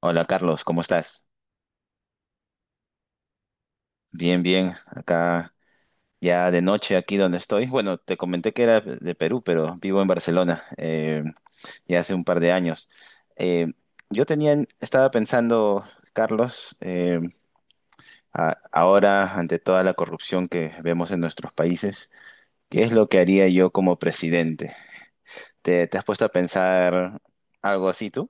Hola Carlos, ¿cómo estás? Bien, bien. Acá ya de noche, aquí donde estoy. Bueno, te comenté que era de Perú, pero vivo en Barcelona ya hace un par de años. Eh, yo tenía, estaba pensando, Carlos, ahora ante toda la corrupción que vemos en nuestros países, ¿qué es lo que haría yo como presidente? Te has puesto a pensar algo así tú?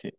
Sí,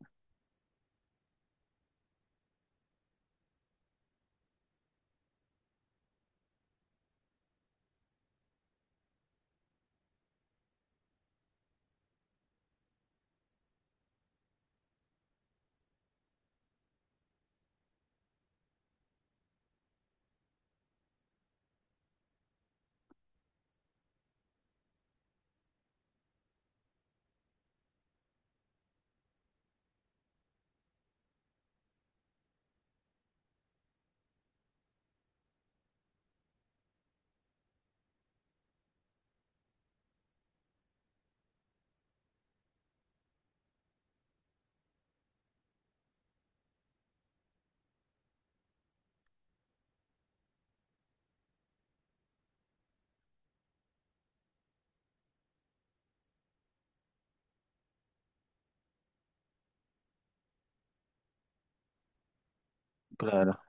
claro.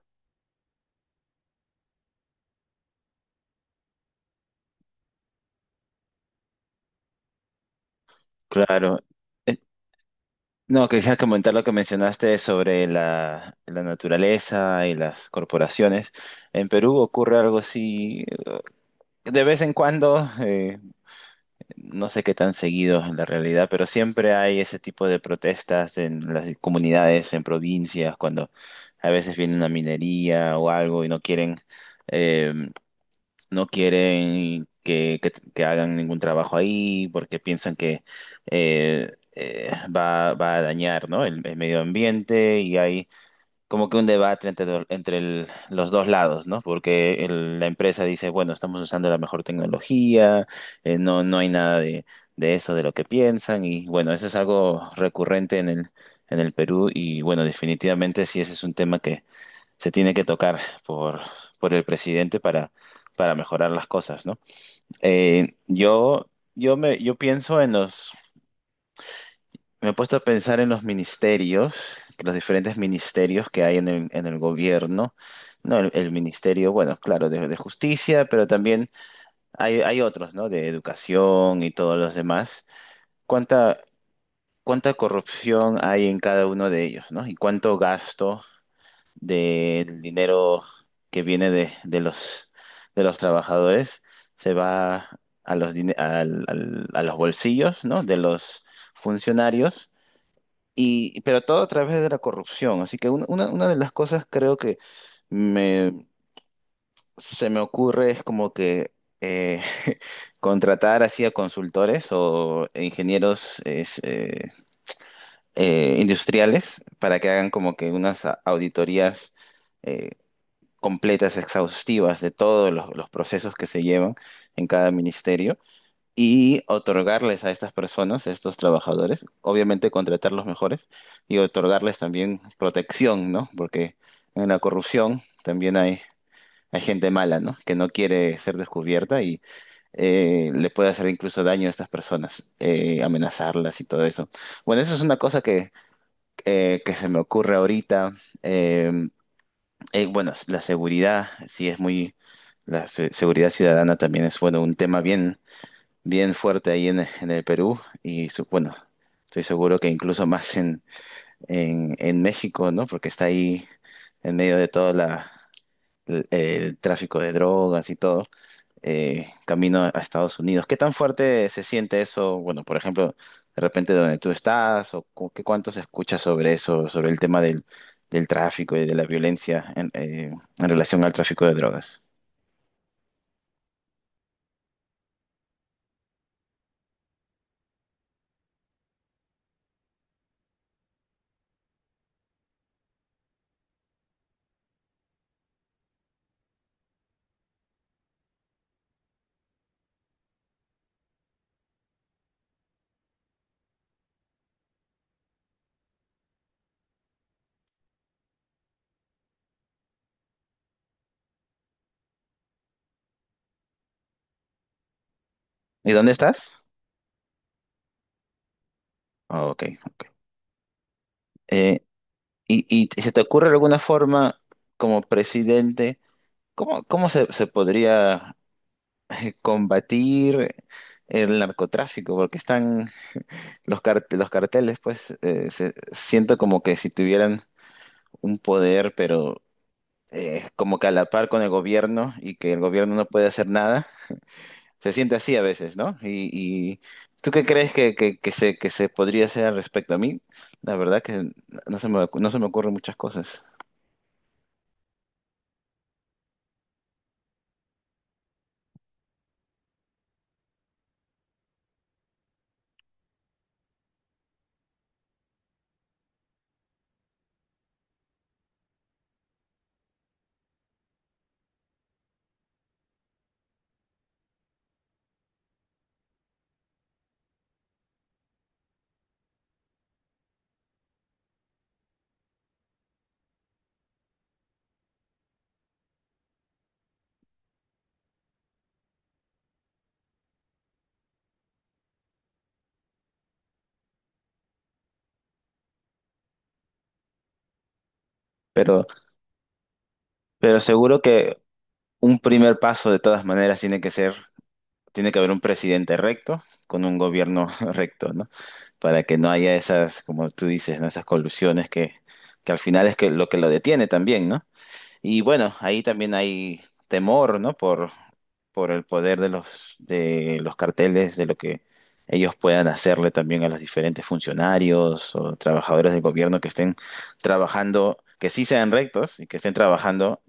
Claro. No, quería comentar lo que mencionaste sobre la naturaleza y las corporaciones. En Perú ocurre algo así de vez en cuando, no sé qué tan seguido en la realidad, pero siempre hay ese tipo de protestas en las comunidades, en provincias, cuando a veces viene una minería o algo y no quieren eh, no quieren que hagan ningún trabajo ahí porque piensan que va a dañar, ¿no?, el medio ambiente, y hay como que un debate entre, entre los dos lados, ¿no? Porque la empresa dice, bueno, estamos usando la mejor tecnología, no, no hay nada de eso, de lo que piensan. Y bueno, eso es algo recurrente en en el Perú. Y bueno, definitivamente sí, ese es un tema se tiene que tocar por, por el presidente para mejorar las cosas, ¿no? Eh, yo, yo me, yo pienso en los, me he puesto a pensar en los ministerios, los diferentes ministerios que hay en en el gobierno, ¿no? El ministerio, bueno, claro, de justicia, pero también hay otros, ¿no? De educación y todos los demás. ¿Cuánta, cuánta corrupción hay en cada uno de ellos, ¿no? Y cuánto gasto del dinero que viene de los trabajadores se va a los, a los bolsillos, ¿no?, de los funcionarios, y, pero todo a través de la corrupción. Así que una de las cosas creo que me, se me ocurre es como que eh, contratar así a consultores o ingenieros es, industriales, para que hagan como que unas auditorías eh, completas, exhaustivas, de todos los procesos que se llevan en cada ministerio, y otorgarles a estas personas, a estos trabajadores, obviamente contratar los mejores, y otorgarles también protección, ¿no? Porque en la corrupción también hay gente mala, ¿no? Que no quiere ser descubierta, y le puede hacer incluso daño a estas personas, amenazarlas y todo eso. Bueno, eso es una cosa que se me ocurre ahorita. Eh, bueno, la seguridad, sí es muy, la seguridad ciudadana también es, bueno, un tema bien, bien fuerte ahí en el Perú. Y, bueno, estoy seguro que incluso más en México, ¿no? Porque está ahí en medio de todo la, el tráfico de drogas y todo camino a Estados Unidos. ¿Qué tan fuerte se siente eso? Bueno, por ejemplo, de repente donde tú estás, o qué cuánto se escucha sobre eso, sobre el tema del, del tráfico y de la violencia en relación al tráfico de drogas. ¿Y dónde estás? Ah, ok, ok. Eh, y se te ocurre alguna forma como presidente, ¿cómo, cómo se, se podría combatir el narcotráfico? Porque están los, los carteles, pues siento como que si tuvieran un poder, pero como que a la par con el gobierno, y que el gobierno no puede hacer nada. Se siente así a veces, ¿no? Y ¿tú qué crees que, que se podría hacer al respecto? A mí, la verdad que no se me, no se me ocurren muchas cosas, pero, pero seguro que un primer paso de todas maneras tiene que ser, tiene que haber un presidente recto con un gobierno recto, ¿no? Para que no haya esas, como tú dices, ¿no? Esas colusiones que al final es que lo detiene también, ¿no? Y bueno, ahí también hay temor, ¿no? Por el poder de los carteles, de lo que ellos puedan hacerle también a los diferentes funcionarios o trabajadores del gobierno que estén trabajando, que sí sean rectos y que estén trabajando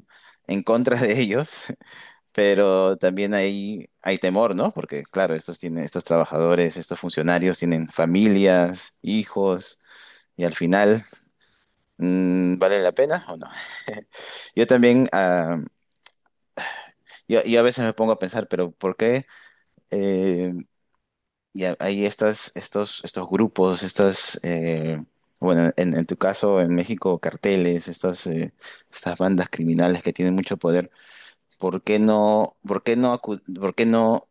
en contra de ellos, pero también hay temor, ¿no? Porque claro, estos tienen, estos trabajadores, estos funcionarios tienen familias, hijos, y al final, mm, ¿vale la pena o no? Yo también yo, yo a veces me pongo a pensar, pero ¿por qué eh, y hay estas, estos, estos grupos, estas, bueno, en tu caso, en México, carteles, estas, estas bandas criminales que tienen mucho poder? ¿Por qué no, por qué no, por qué no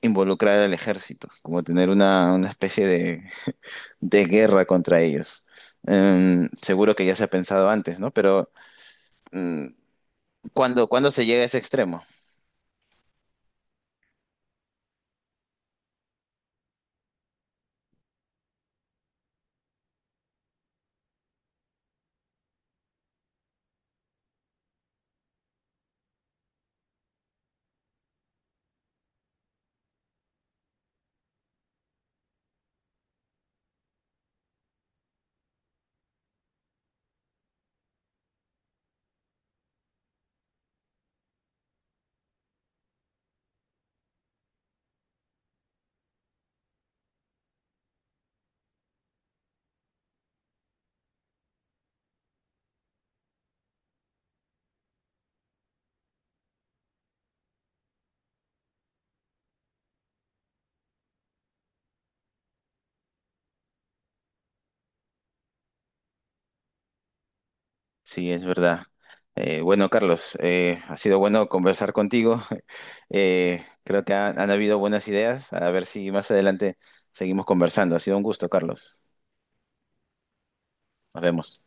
involucrar al ejército? Como tener una especie de guerra contra ellos. Seguro que ya se ha pensado antes, ¿no? Pero mm, ¿cuándo, cuándo se llega a ese extremo? Sí, es verdad. Bueno, Carlos, ha sido bueno conversar contigo. Creo que han habido buenas ideas. A ver si más adelante seguimos conversando. Ha sido un gusto, Carlos. Nos vemos.